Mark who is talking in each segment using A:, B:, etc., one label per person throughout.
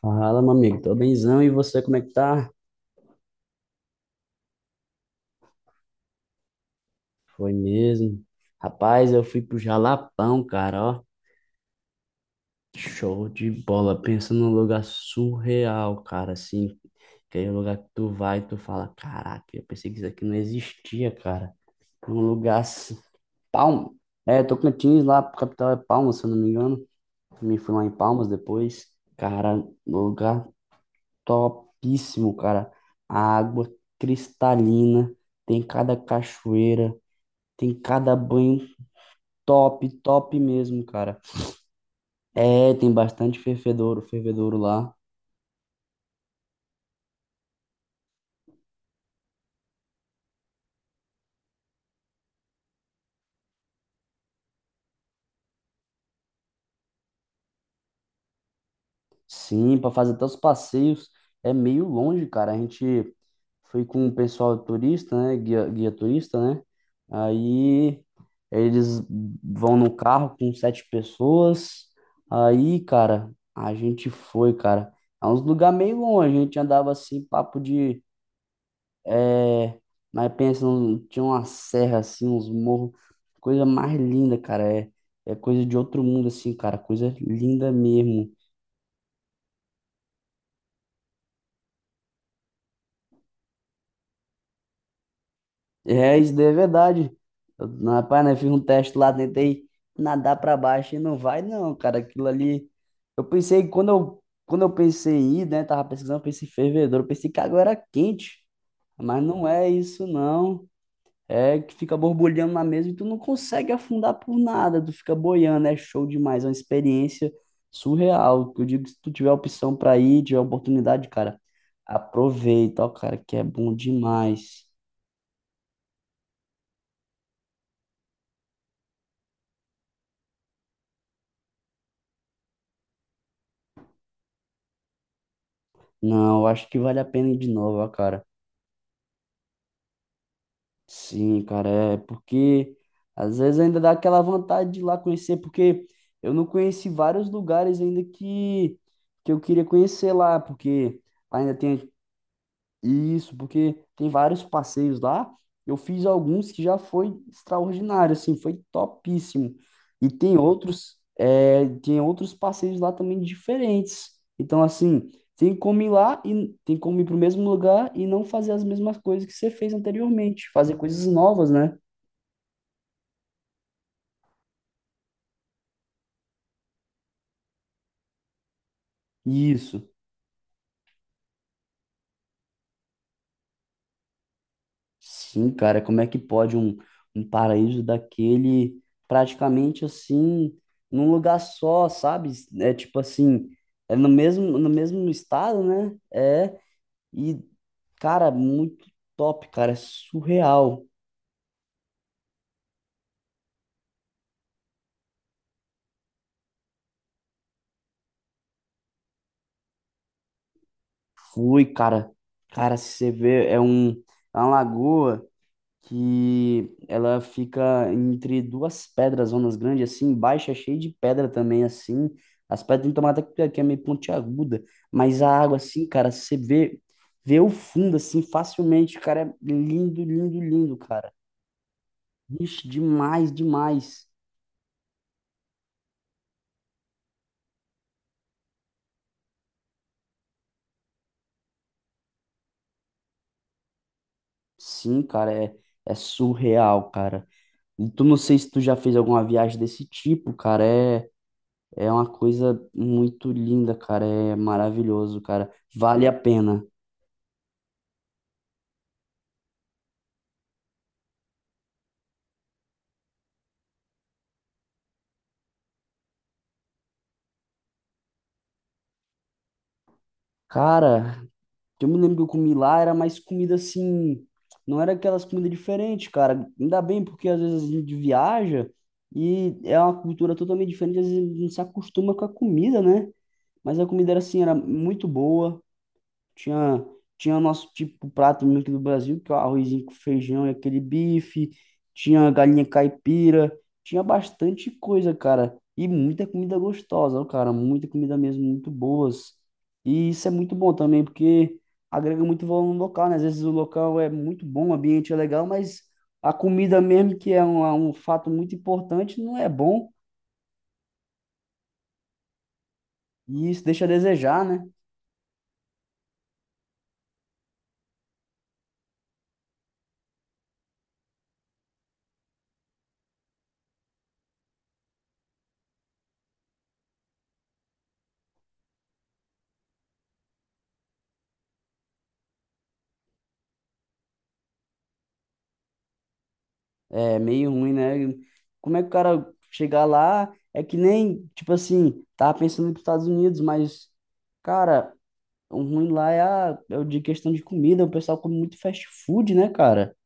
A: Fala, meu amigo, tô benzão e você, como é que tá? Foi mesmo. Rapaz, eu fui pro Jalapão, cara, ó. Show de bola. Pensa num lugar surreal, cara, assim. Aquele lugar que tu vai e tu fala, caraca, eu pensei que isso aqui não existia, cara. Um lugar assim, Palmas. É, Tocantins lá, capital é Palmas, se eu não me engano. Me fui lá em Palmas depois. Cara, lugar topíssimo, cara. A água cristalina, tem cada cachoeira. Tem cada banho top, top mesmo, cara. É, tem bastante fervedouro, fervedouro lá. Sim, para fazer até os passeios é meio longe, cara. A gente foi com o pessoal turista, né? Guia, guia turista, né? Aí eles vão no carro com sete pessoas. Aí, cara, a gente foi, cara. É uns lugar meio longe. A gente andava assim, papo de É, mas pensa, tinha uma serra assim, uns morros, coisa mais linda, cara. É, é coisa de outro mundo, assim, cara. Coisa linda mesmo. É, isso daí é verdade. Rapaz, né, fiz um teste lá, tentei nadar pra baixo e não vai, não, cara. Aquilo ali. Eu pensei, quando eu pensei em ir, né, tava pesquisando, pensei em fervedor, eu pensei que a água era quente, mas não é isso, não. É que fica borbulhando na mesa e tu não consegue afundar por nada, tu fica boiando, é show demais, é uma experiência surreal. Eu digo que se tu tiver opção pra ir, tiver oportunidade, cara, aproveita, ó, cara, que é bom demais. Não, eu acho que vale a pena ir de novo, ó, cara. Sim, cara, é porque às vezes ainda dá aquela vontade de ir lá conhecer, porque eu não conheci vários lugares ainda que eu queria conhecer lá, porque ainda tem Isso, porque tem vários passeios lá. Eu fiz alguns que já foi extraordinário, assim, foi topíssimo. E tem outros, é, tem outros passeios lá também diferentes. Então, assim, tem como ir lá e tem como ir para o mesmo lugar e não fazer as mesmas coisas que você fez anteriormente, fazer coisas novas, né? Isso. Sim, cara, como é que pode um, um paraíso daquele praticamente assim, num lugar só, sabe? É tipo assim, é no mesmo estado, né? É, e, cara, muito top, cara, é surreal. Fui, cara, cara, se você vê, é um, é uma lagoa que ela fica entre duas pedras, zonas grandes, assim, baixa, cheia de pedra também, assim. As pedras tem tomada que é meio pontiaguda, mas a água, assim, cara, você vê, vê o fundo, assim, facilmente, cara, é lindo, lindo, lindo, cara. Ixi, demais, demais. Sim, cara, é, é surreal, cara. E tu não sei se tu já fez alguma viagem desse tipo, cara, é, é uma coisa muito linda, cara, é maravilhoso, cara, vale a pena. Cara, que eu me lembro que eu comi lá era mais comida assim, não era aquelas comidas diferentes, cara. Ainda bem porque às vezes a gente viaja e é uma cultura totalmente diferente, às vezes a gente não se acostuma com a comida, né? Mas a comida era assim, era muito boa. Tinha, tinha nosso tipo prato mesmo aqui do Brasil, que é o arrozinho com feijão e aquele bife. Tinha galinha caipira. Tinha bastante coisa, cara. E muita comida gostosa, ó, cara. Muita comida mesmo, muito boas. E isso é muito bom também, porque agrega muito valor no local, né? Às vezes o local é muito bom, o ambiente é legal, mas a comida mesmo, que é um, um fato muito importante, não é bom. E isso deixa a desejar, né? É meio ruim, né? Como é que o cara chegar lá é que nem, tipo assim, tava pensando nos Estados Unidos, mas, cara, o ruim lá é, a, é o de questão de comida, o pessoal come muito fast food, né, cara?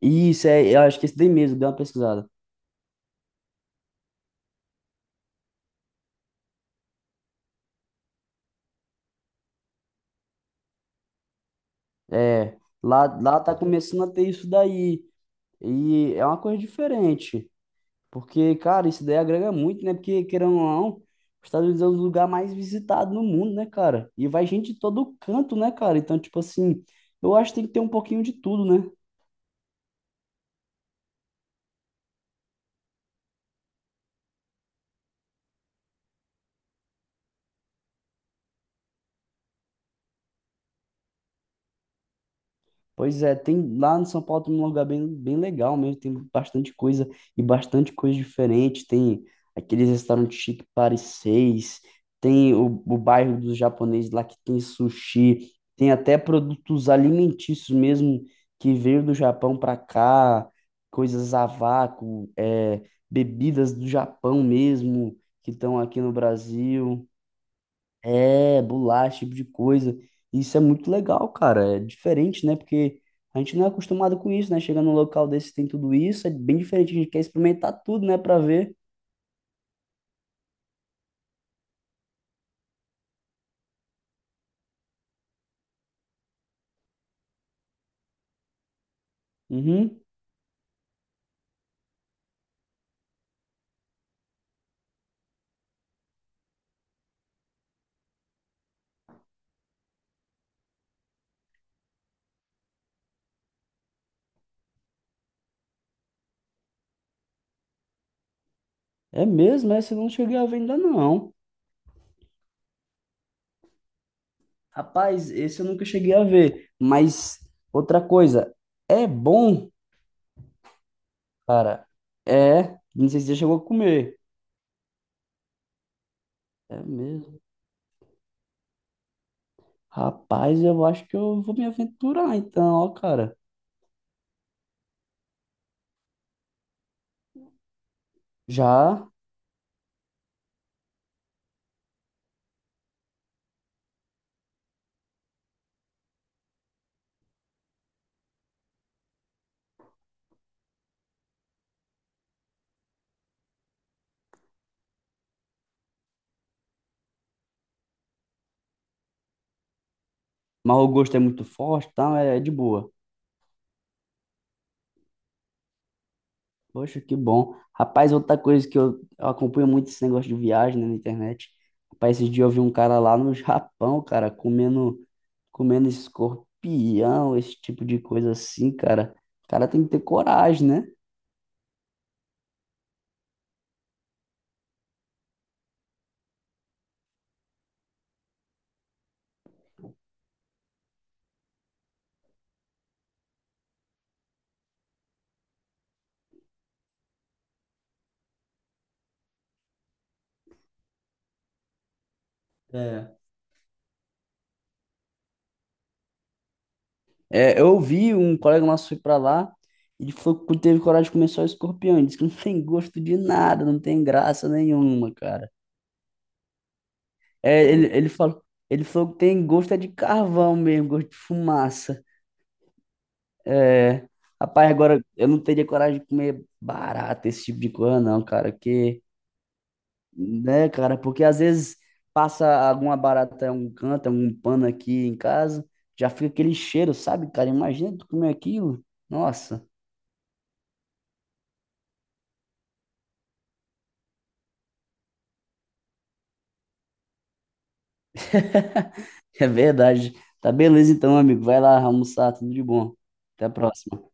A: E isso é, eu acho que esse daí mesmo, deu uma pesquisada. É, lá tá começando a ter isso daí. E é uma coisa diferente. Porque, cara, isso daí agrega muito, né? Porque, querendo ou não, os Estados Unidos é o lugar mais visitado no mundo, né, cara? E vai gente de todo canto, né, cara? Então, tipo assim, eu acho que tem que ter um pouquinho de tudo, né? Pois é, tem lá no São Paulo tem um lugar bem, bem legal mesmo, tem bastante coisa e bastante coisa diferente. Tem aqueles restaurantes chique Paris 6, tem o bairro dos japoneses lá que tem sushi, tem até produtos alimentícios mesmo que veio do Japão para cá, coisas a vácuo, é, bebidas do Japão mesmo que estão aqui no Brasil. É, bolacha, esse tipo de coisa. Isso é muito legal, cara. É diferente, né? Porque a gente não é acostumado com isso, né? Chega num local desse tem tudo isso, é bem diferente. A gente quer experimentar tudo, né? Pra ver. Uhum. É mesmo, essa eu não cheguei a ver ainda não. Rapaz, esse eu nunca cheguei a ver. Mas outra coisa, é bom, cara. É, não sei se você chegou a comer. É mesmo. Rapaz, eu acho que eu vou me aventurar então, ó, cara. Já, mas o gosto é muito forte, tá? É de boa. Poxa, que bom. Rapaz, outra coisa que eu acompanho muito esse negócio de viagem, né, na internet. Rapaz, esses dias eu vi um cara lá no Japão, cara, comendo, comendo escorpião, esse tipo de coisa assim, cara. O cara tem que ter coragem, né? É. É, eu vi um colega nosso foi pra lá, ele falou que teve coragem de comer só escorpião. Ele disse que não tem gosto de nada, não tem graça nenhuma, cara. É, ele falou, ele falou que tem gosto é de carvão mesmo, gosto de fumaça. É, rapaz, agora eu não teria coragem de comer barata, esse tipo de coisa, não, cara. Que, né, cara? Porque às vezes passa alguma barata em um canto, algum pano aqui em casa, já fica aquele cheiro, sabe, cara? Imagina tu comer aquilo. Nossa, é verdade. Tá beleza então, amigo. Vai lá almoçar, tudo de bom. Até a próxima.